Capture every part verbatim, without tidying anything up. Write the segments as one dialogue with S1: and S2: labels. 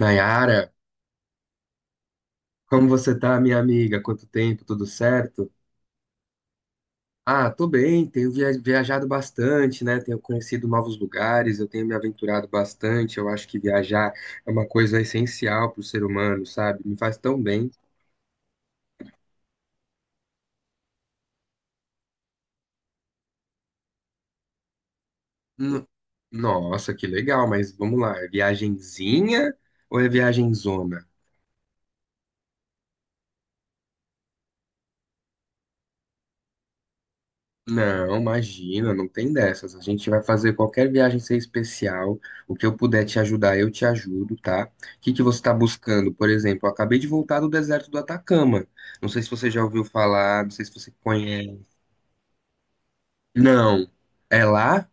S1: Nayara, como você tá, minha amiga? Quanto tempo? Tudo certo? Ah, tô bem, tenho via- viajado bastante, né? Tenho conhecido novos lugares, eu tenho me aventurado bastante. Eu acho que viajar é uma coisa essencial para o ser humano, sabe? Me faz tão bem. No- Nossa, que legal, mas vamos lá, é viagenzinha ou é viagenzona? Não, imagina, não tem dessas. A gente vai fazer qualquer viagem ser especial. O que eu puder te ajudar, eu te ajudo, tá? O que que você está buscando? Por exemplo, eu acabei de voltar do deserto do Atacama. Não sei se você já ouviu falar, não sei se você conhece. Não. É lá?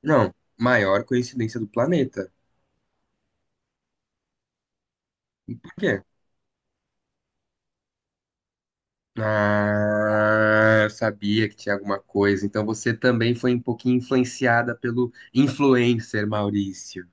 S1: Não. Maior coincidência do planeta. Por quê? Ah, eu sabia que tinha alguma coisa. Então você também foi um pouquinho influenciada pelo influencer Maurício.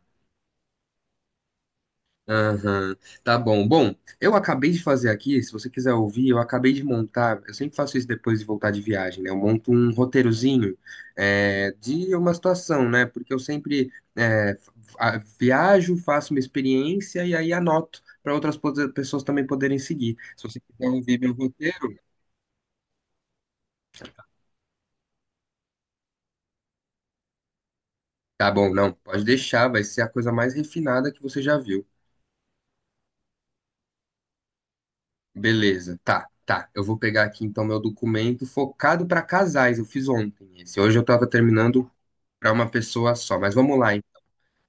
S1: Aham, tá bom. Bom, eu acabei de fazer aqui, se você quiser ouvir, eu acabei de montar, eu sempre faço isso depois de voltar de viagem, né? Eu monto um roteirozinho é, de uma situação, né? Porque eu sempre é, f- a- viajo, faço uma experiência e aí anoto para outras pos- pessoas também poderem seguir. Se você quiser ouvir meu roteiro, tá bom, não, pode deixar, vai ser a coisa mais refinada que você já viu. Beleza, tá, tá. Eu vou pegar aqui então meu documento focado para casais. Eu fiz ontem esse. Hoje eu tava terminando para uma pessoa só, mas vamos lá, hein?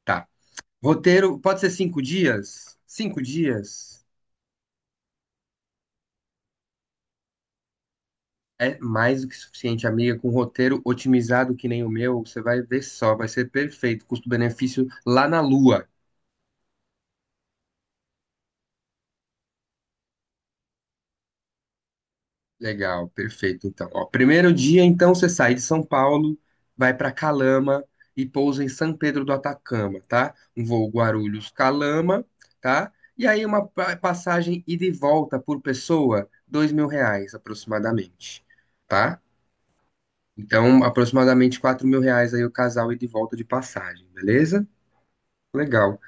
S1: Tá. Roteiro, pode ser cinco dias? Cinco dias é mais do que suficiente, amiga. Com roteiro otimizado que nem o meu, você vai ver só, vai ser perfeito. Custo-benefício lá na lua. Legal, perfeito. Então, ó, primeiro dia, então, você sai de São Paulo, vai para Calama e pousa em São Pedro do Atacama, tá? Um voo Guarulhos-Calama, tá? E aí uma pa- passagem ida e volta por pessoa, dois mil reais aproximadamente, tá? Então, aproximadamente quatro mil reais aí o casal ida e volta de passagem, beleza? Legal.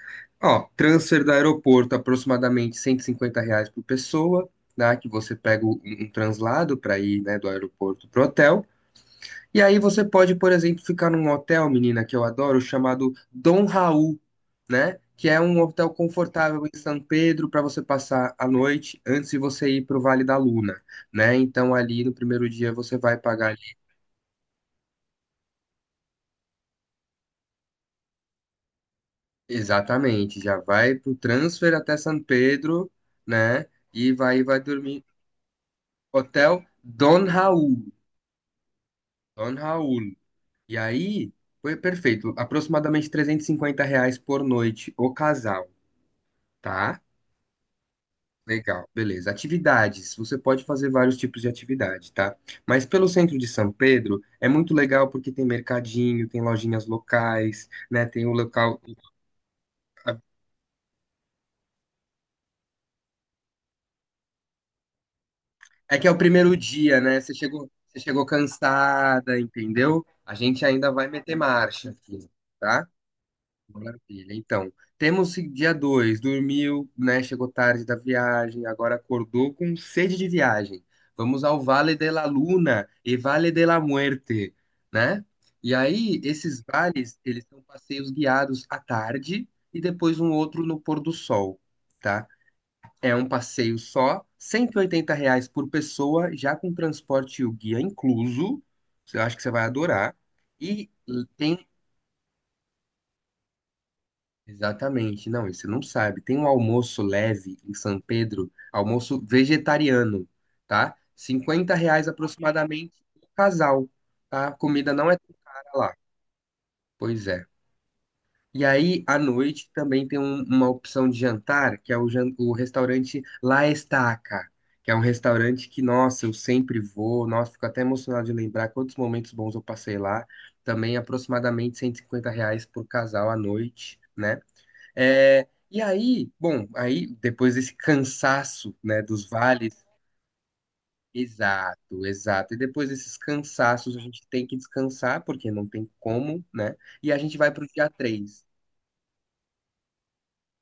S1: Ó, transfer do aeroporto, aproximadamente cento e cinquenta reais por pessoa, né? Que você pega um, um translado para ir, né, do aeroporto pro hotel. E aí você pode, por exemplo, ficar num hotel, menina, que eu adoro, chamado Dom Raul, né? Que é um hotel confortável em São Pedro para você passar a noite antes de você ir pro Vale da Luna, né? Então ali no primeiro dia você vai pagar ali- Exatamente, já vai pro transfer até São Pedro, né? E vai, vai dormir Hotel Don Raul. Don Raul. E aí, foi perfeito. Aproximadamente trezentos e cinquenta reais por noite, o casal, tá? Legal, beleza. Atividades. Você pode fazer vários tipos de atividade, tá? Mas pelo centro de São Pedro é muito legal porque tem mercadinho, tem lojinhas locais, né? Tem o local. É que é o primeiro dia, né? Você chegou, você chegou cansada, entendeu? A gente ainda vai meter marcha aqui, tá? Maravilha. Então, temos dia dois, dormiu, né? Chegou tarde da viagem, agora acordou com sede de viagem. Vamos ao Vale de la Luna e Vale de la Muerte, né? E aí, esses vales, eles são passeios guiados à tarde e depois um outro no pôr do sol, tá? É um passeio só, cento e oitenta reais por pessoa, já com transporte e o guia incluso. Eu acho que você vai adorar. E tem Exatamente, não, e você não sabe. Tem um almoço leve em São Pedro, almoço vegetariano, tá? Cinquenta reais aproximadamente por casal, tá? A comida não é tão cara lá. Pois é. E aí, à noite, também tem um- uma opção de jantar, que é o, jan- o restaurante La Estaca, que é um restaurante que, nossa, eu sempre vou, nossa, fico até emocionado de lembrar quantos momentos bons eu passei lá. Também aproximadamente cento e cinquenta reais por casal à noite, né? É, e aí, bom, aí depois desse cansaço, né, dos vales, exato, exato. E depois desses cansaços, a gente tem que descansar, porque não tem como, né? E a gente vai pro dia três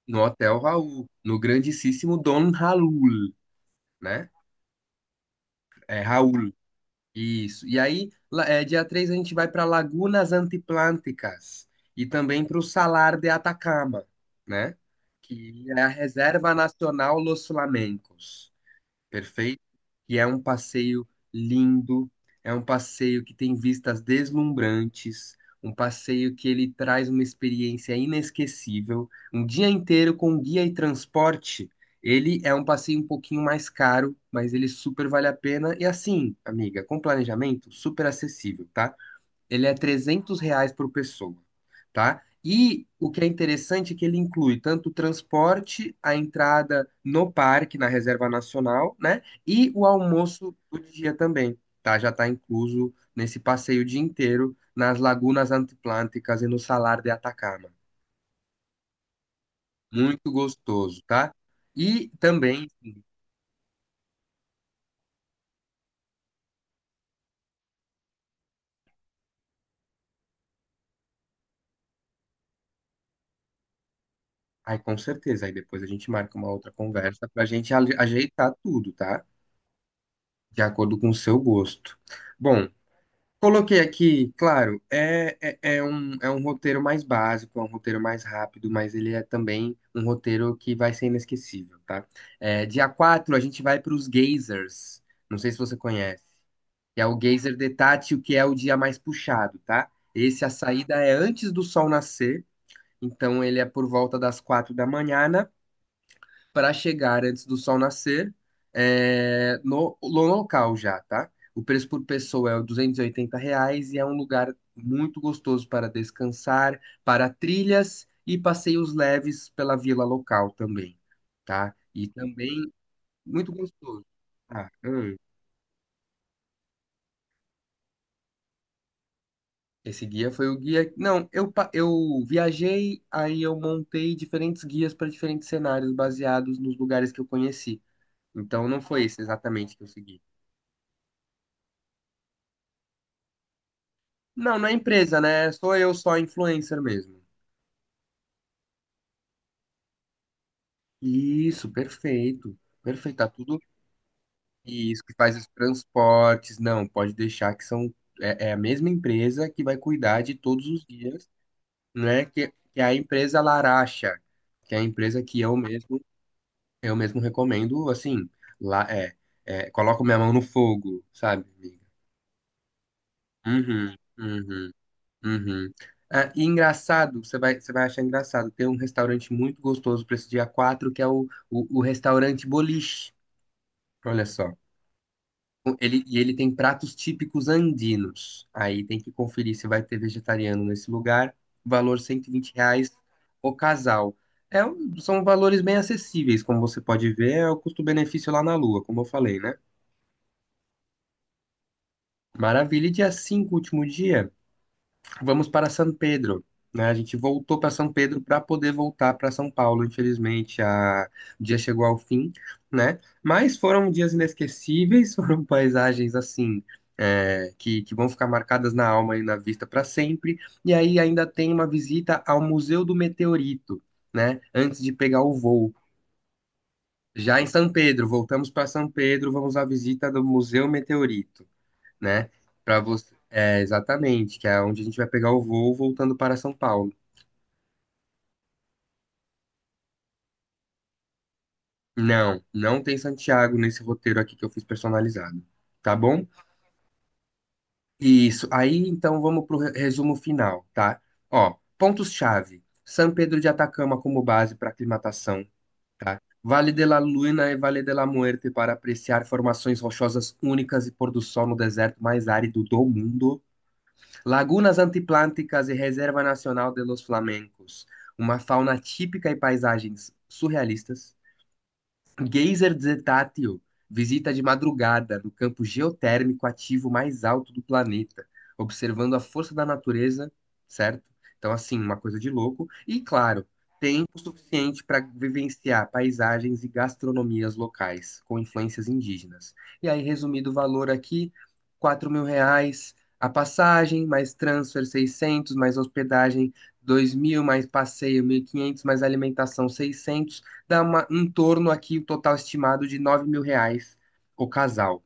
S1: no Hotel Raul, no grandíssimo Don Raul, né? É Raul, isso. E aí, lá- é, dia três a gente vai para Lagunas Antiplânticas e também para o Salar de Atacama, né? Que é a Reserva Nacional Los Flamencos. Perfeito. E é um passeio lindo, é um passeio que tem vistas deslumbrantes, um passeio que ele traz uma experiência inesquecível. Um dia inteiro com guia e transporte, ele é um passeio um pouquinho mais caro, mas ele super vale a pena. E assim, amiga, com planejamento, super acessível, tá? Ele é trezentos reais por pessoa, tá? E o que é interessante é que ele inclui tanto o transporte, a entrada no parque, na Reserva Nacional, né? E o almoço do dia também, tá? Já está incluso nesse passeio o dia inteiro nas lagunas antiplânticas e no Salar de Atacama. Muito gostoso, tá? E também, ai, com certeza, aí depois a gente marca uma outra conversa para a gente ale- ajeitar tudo, tá? De acordo com o seu gosto. Bom, coloquei aqui, claro, é, é, é um, é um roteiro mais básico, é um roteiro mais rápido, mas ele é também um roteiro que vai ser inesquecível, tá? É, dia quatro a gente vai para os geysers, não sei se você conhece, que é o geyser de Tati, o que é o dia mais puxado, tá? Esse, a saída é antes do sol nascer, então ele é por volta das quatro da manhã, para chegar antes do sol nascer é, no, no local já, tá? O preço por pessoa é R duzentos e oitenta reais e é um lugar muito gostoso para descansar, para trilhas e passeios leves pela vila local também, tá? E também muito gostoso. Ah, hum. Esse guia foi o guia. Não, eu, pa- eu viajei, aí eu montei diferentes guias para diferentes cenários baseados nos lugares que eu conheci. Então não foi esse exatamente que eu segui. Não, não é empresa, né? Sou eu só influencer mesmo. Isso, perfeito. Perfeito, tá tudo. Isso, que faz os transportes. Não, pode deixar que são. É, é a mesma empresa que vai cuidar de todos os dias, né? Que, que é a empresa Laracha, que é a empresa que eu mesmo, eu mesmo recomendo, assim, lá é, é, coloco minha mão no fogo, sabe, amiga? Uhum, uhum. Uhum. Ah, e engraçado, você vai, você vai achar engraçado, tem um restaurante muito gostoso para esse dia quatro que é o, o, o restaurante Boliche. Olha só. Ele, e ele tem pratos típicos andinos. Aí tem que conferir se vai ter vegetariano nesse lugar. Valor cento e vinte reais o casal. É, um- são valores bem acessíveis, como você pode ver, é o custo-benefício lá na Lua, como eu falei, né? Maravilha. E dia cinco, último dia. Vamos para São Pedro, né? A gente voltou para São Pedro para poder voltar para São Paulo. Infelizmente, a... o dia chegou ao fim, né? Mas foram dias inesquecíveis, foram paisagens assim, é, que, que vão ficar marcadas na alma e na vista para sempre. E aí ainda tem uma visita ao Museu do Meteorito, né? Antes de pegar o voo. Já em São Pedro, voltamos para São Pedro, vamos à visita do Museu Meteorito, né? Para você, é exatamente, que é onde a gente vai pegar o voo voltando para São Paulo. Não, não tem Santiago nesse roteiro aqui que eu fiz personalizado, tá bom? Isso. Aí então vamos pro re- resumo final, tá? Ó, pontos-chave. São Pedro de Atacama como base para aclimatação, tá? Vale de la Luna e Vale de la Muerte para apreciar formações rochosas únicas e pôr do sol no deserto mais árido do mundo. Lagunas antiplânticas e Reserva Nacional de los Flamencos, uma fauna típica e paisagens surrealistas. Geyser Zetátil visita de madrugada no campo geotérmico ativo mais alto do planeta, observando a força da natureza, certo? Então, assim, uma coisa de louco. E, claro, tempo suficiente para vivenciar paisagens e gastronomias locais, com influências indígenas. E aí, resumido o valor aqui, quatro mil reais a passagem, mais transfer seiscentos mais hospedagem dois mil, mais passeio mil e quinhentos mais alimentação seiscentos dá uma, em torno aqui, o total estimado de nove mil reais o casal,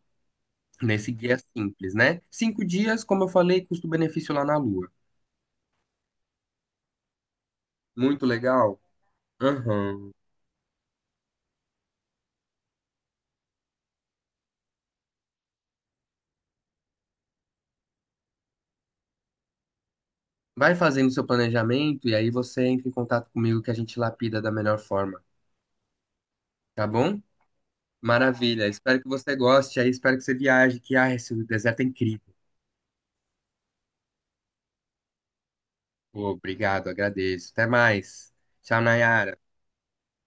S1: nesse guia simples, né? Cinco dias, como eu falei, custo-benefício lá na Lua. Muito legal? Aham. Vai fazendo seu planejamento e aí você entra em contato comigo que a gente lapida da melhor forma, tá bom? Maravilha, espero que você goste, aí espero que você viaje, que ah, esse deserto é incrível. Pô, obrigado, agradeço. Até mais. Tchau, Nayara.